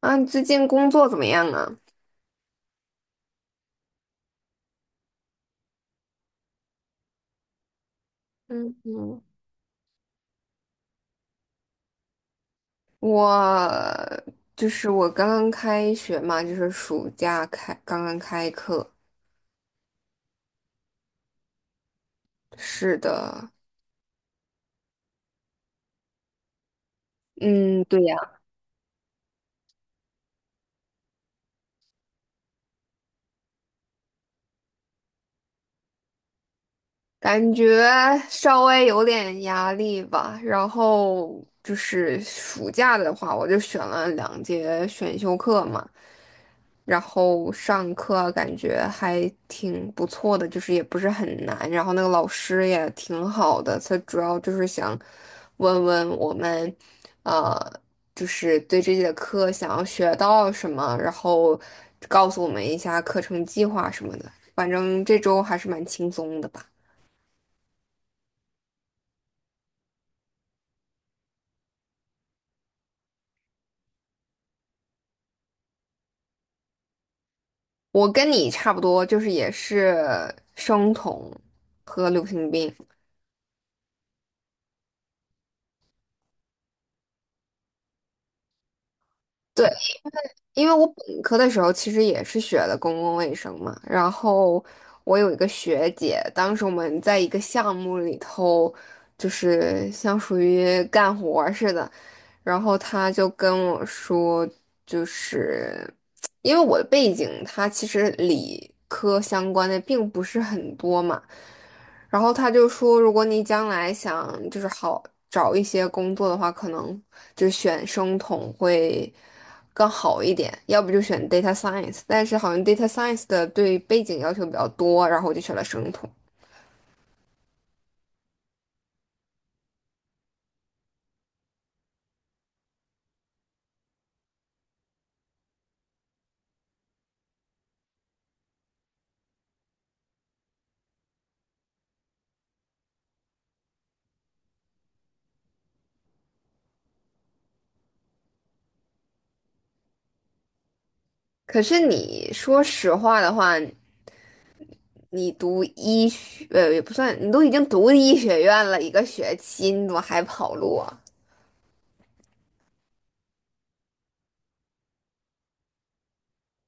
啊，你最近工作怎么样啊？嗯嗯。我就是我刚刚开学嘛，就是暑假开，刚刚开课。是的，嗯，对呀，感觉稍微有点压力吧。然后就是暑假的话，我就选了2节选修课嘛。然后上课啊感觉还挺不错的，就是也不是很难，然后那个老师也挺好的，他主要就是想问问我们，呃，就是对这节课想要学到什么，然后告诉我们一下课程计划什么的。反正这周还是蛮轻松的吧。我跟你差不多，就是也是生酮和流行病。对，因为我本科的时候其实也是学的公共卫生嘛，然后我有一个学姐，当时我们在一个项目里头，就是像属于干活儿似的，然后他就跟我说，就是因为我的背景，它其实理科相关的并不是很多嘛。然后他就说，如果你将来想就是好找一些工作的话，可能就选生统会更好一点，要不就选 data science。但是好像 data science 的对背景要求比较多，然后我就选了生统。可是你说实话的话，你读医学，也不算，你都已经读医学院了一个学期，你怎么还跑路啊？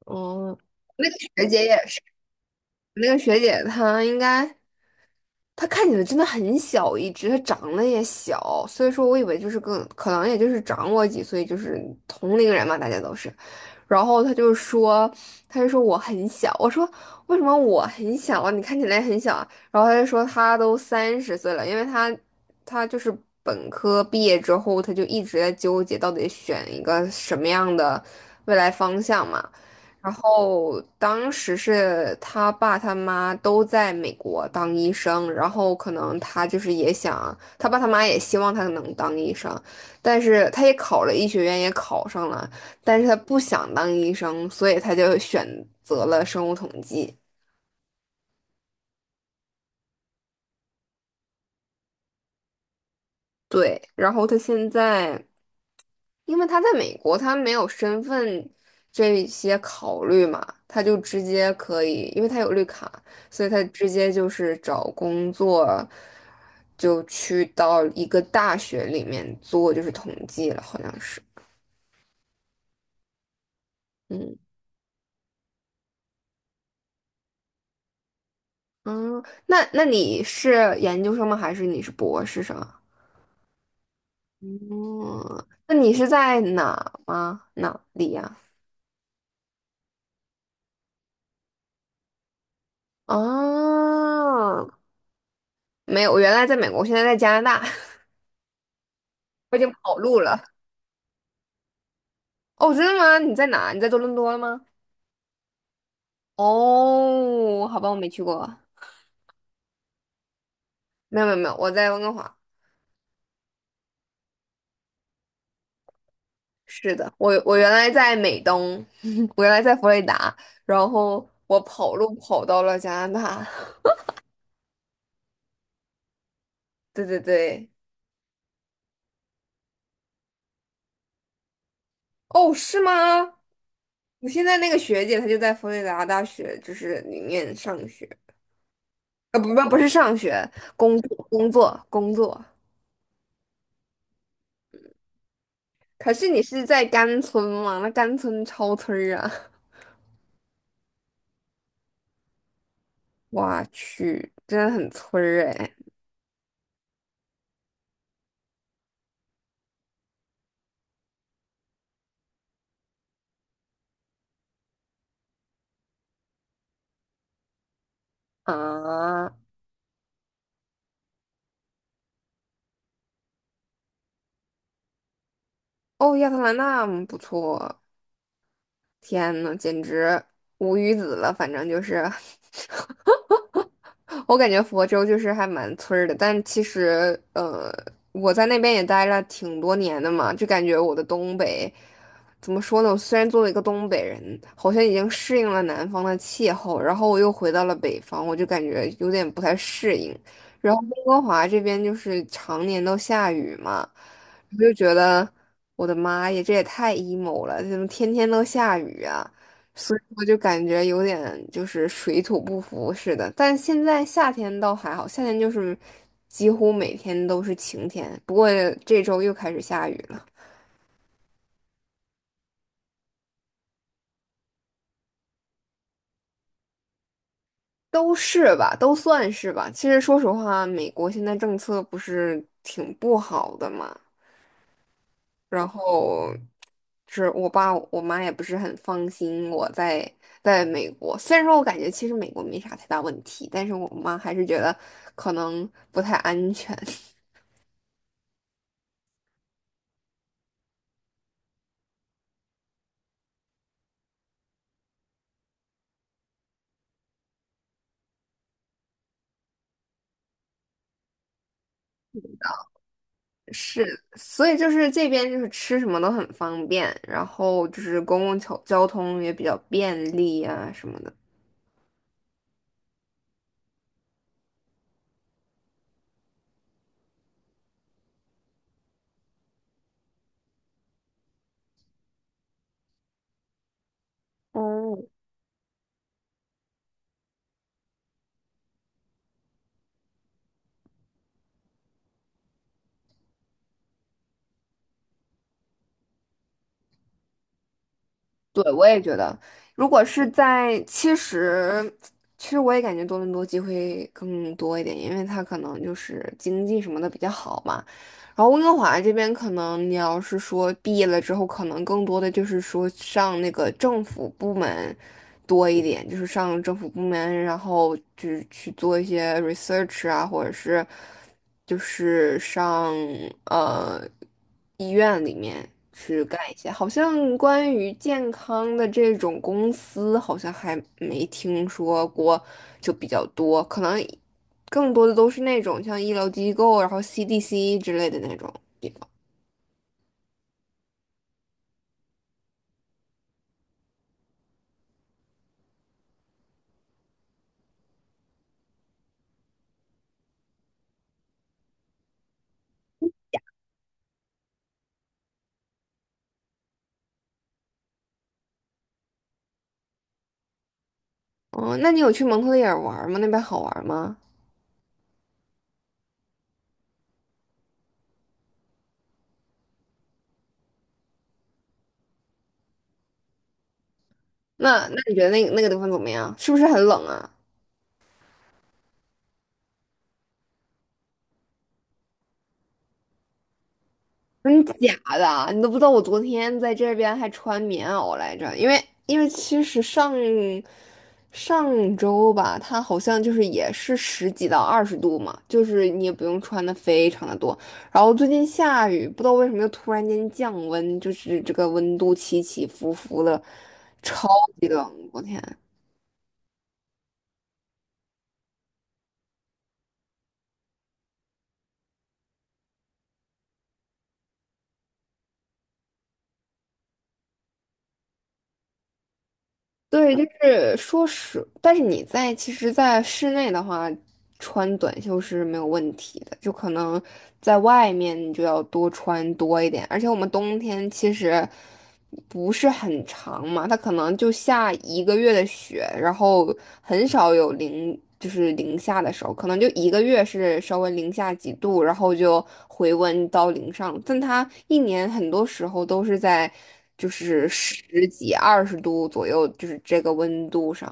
哦，那个学姐也是，那个学姐她应该。他看起来真的很小一只，他长得也小，所以说我以为就是更可能也就是长我几岁，就是同龄人嘛，大家都是。然后他就说，他就说我很小，我说为什么我很小啊？你看起来很小啊。然后他就说他都30岁了，因为他就是本科毕业之后，他就一直在纠结到底选一个什么样的未来方向嘛。然后当时是他爸他妈都在美国当医生，然后可能他就是也想，他爸他妈也希望他能当医生，但是他也考了医学院，也考上了，但是他不想当医生，所以他就选择了生物统计。对，然后他现在。因为他在美国，他没有身份这些考虑嘛，他就直接可以，因为他有绿卡，所以他直接就是找工作，就去到一个大学里面做，就是统计了，好像是。嗯嗯，那你是研究生吗？还是你是博士生啊？嗯，那你是在哪吗？哪里呀？哦，没有，我原来在美国，我现在在加拿大，我已经跑路了。哦，真的吗？你在哪？你在多伦多了吗？哦，好吧，我没去过。没有没有没有，我在温哥华。是的，我我原来在美东，我原来在佛罗里达，然后我跑路跑到了加拿大。对对对，哦，是吗？我现在那个学姐她就在佛罗里达大学，就是里面上学，啊不不不是上学，工作工作工作。可是你是在甘村吗？那甘村超村儿啊！我去，真的很村儿哎啊！哦，亚特兰大嗯不错，天呐，简直无语子了，反正就是。我感觉佛州就是还蛮村儿的，但其实我在那边也待了挺多年的嘛，就感觉我的东北怎么说呢？我虽然作为一个东北人，好像已经适应了南方的气候，然后我又回到了北方，我就感觉有点不太适应。然后温哥华这边就是常年都下雨嘛，我就觉得我的妈呀，这也太 emo 了，怎么天天都下雨啊？所以我就感觉有点就是水土不服似的。但现在夏天倒还好，夏天就是几乎每天都是晴天，不过这周又开始下雨了，都是吧，都算是吧。其实说实话，美国现在政策不是挺不好的嘛，然后是我爸我妈也不是很放心我在美国。虽然说我感觉其实美国没啥太大问题，但是我妈还是觉得可能不太安全。是，所以就是这边就是吃什么都很方便，然后就是公共交通也比较便利啊什么的。嗯，对，我也觉得，如果是在其实，其实我也感觉多伦多机会更多一点，因为它可能就是经济什么的比较好嘛。然后温哥华这边可能你要是说毕业了之后，可能更多的就是说上那个政府部门多一点，就是上政府部门，然后就是去做一些 research 啊，或者是就是上呃医院里面去干一些。好像关于健康的这种公司，好像还没听说过，就比较多，可能。更多的都是那种像医疗机构，然后 CDC 之类的那种地方。哦，那你有去蒙特利尔玩吗？那边好玩吗？那你觉得那个地方怎么样？是不是很冷啊？真假的？你都不知道我昨天在这边还穿棉袄来着，因为其实上上周吧，它好像就是也是10几到20度嘛，就是你也不用穿的非常的多。然后最近下雨，不知道为什么又突然间降温，就是这个温度起起伏伏的，超级冷，我天！对，就是说是，但是你在其实，在室内的话，穿短袖是没有问题的，就可能在外面你就要多穿多一点，而且我们冬天其实不是很长嘛，它可能就下1个月的雪，然后很少有零，就是零下的时候，可能就一个月是稍微零下几度，然后就回温到零上，但它一年很多时候都是在。就是10几、20度左右，就是这个温度上，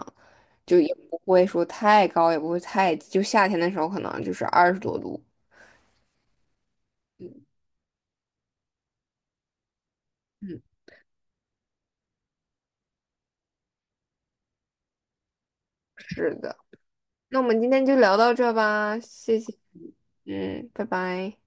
就也不会说太高，也不会太低，就夏天的时候可能就是20多度。嗯嗯，是的。那我们今天就聊到这吧，谢谢。嗯，拜拜。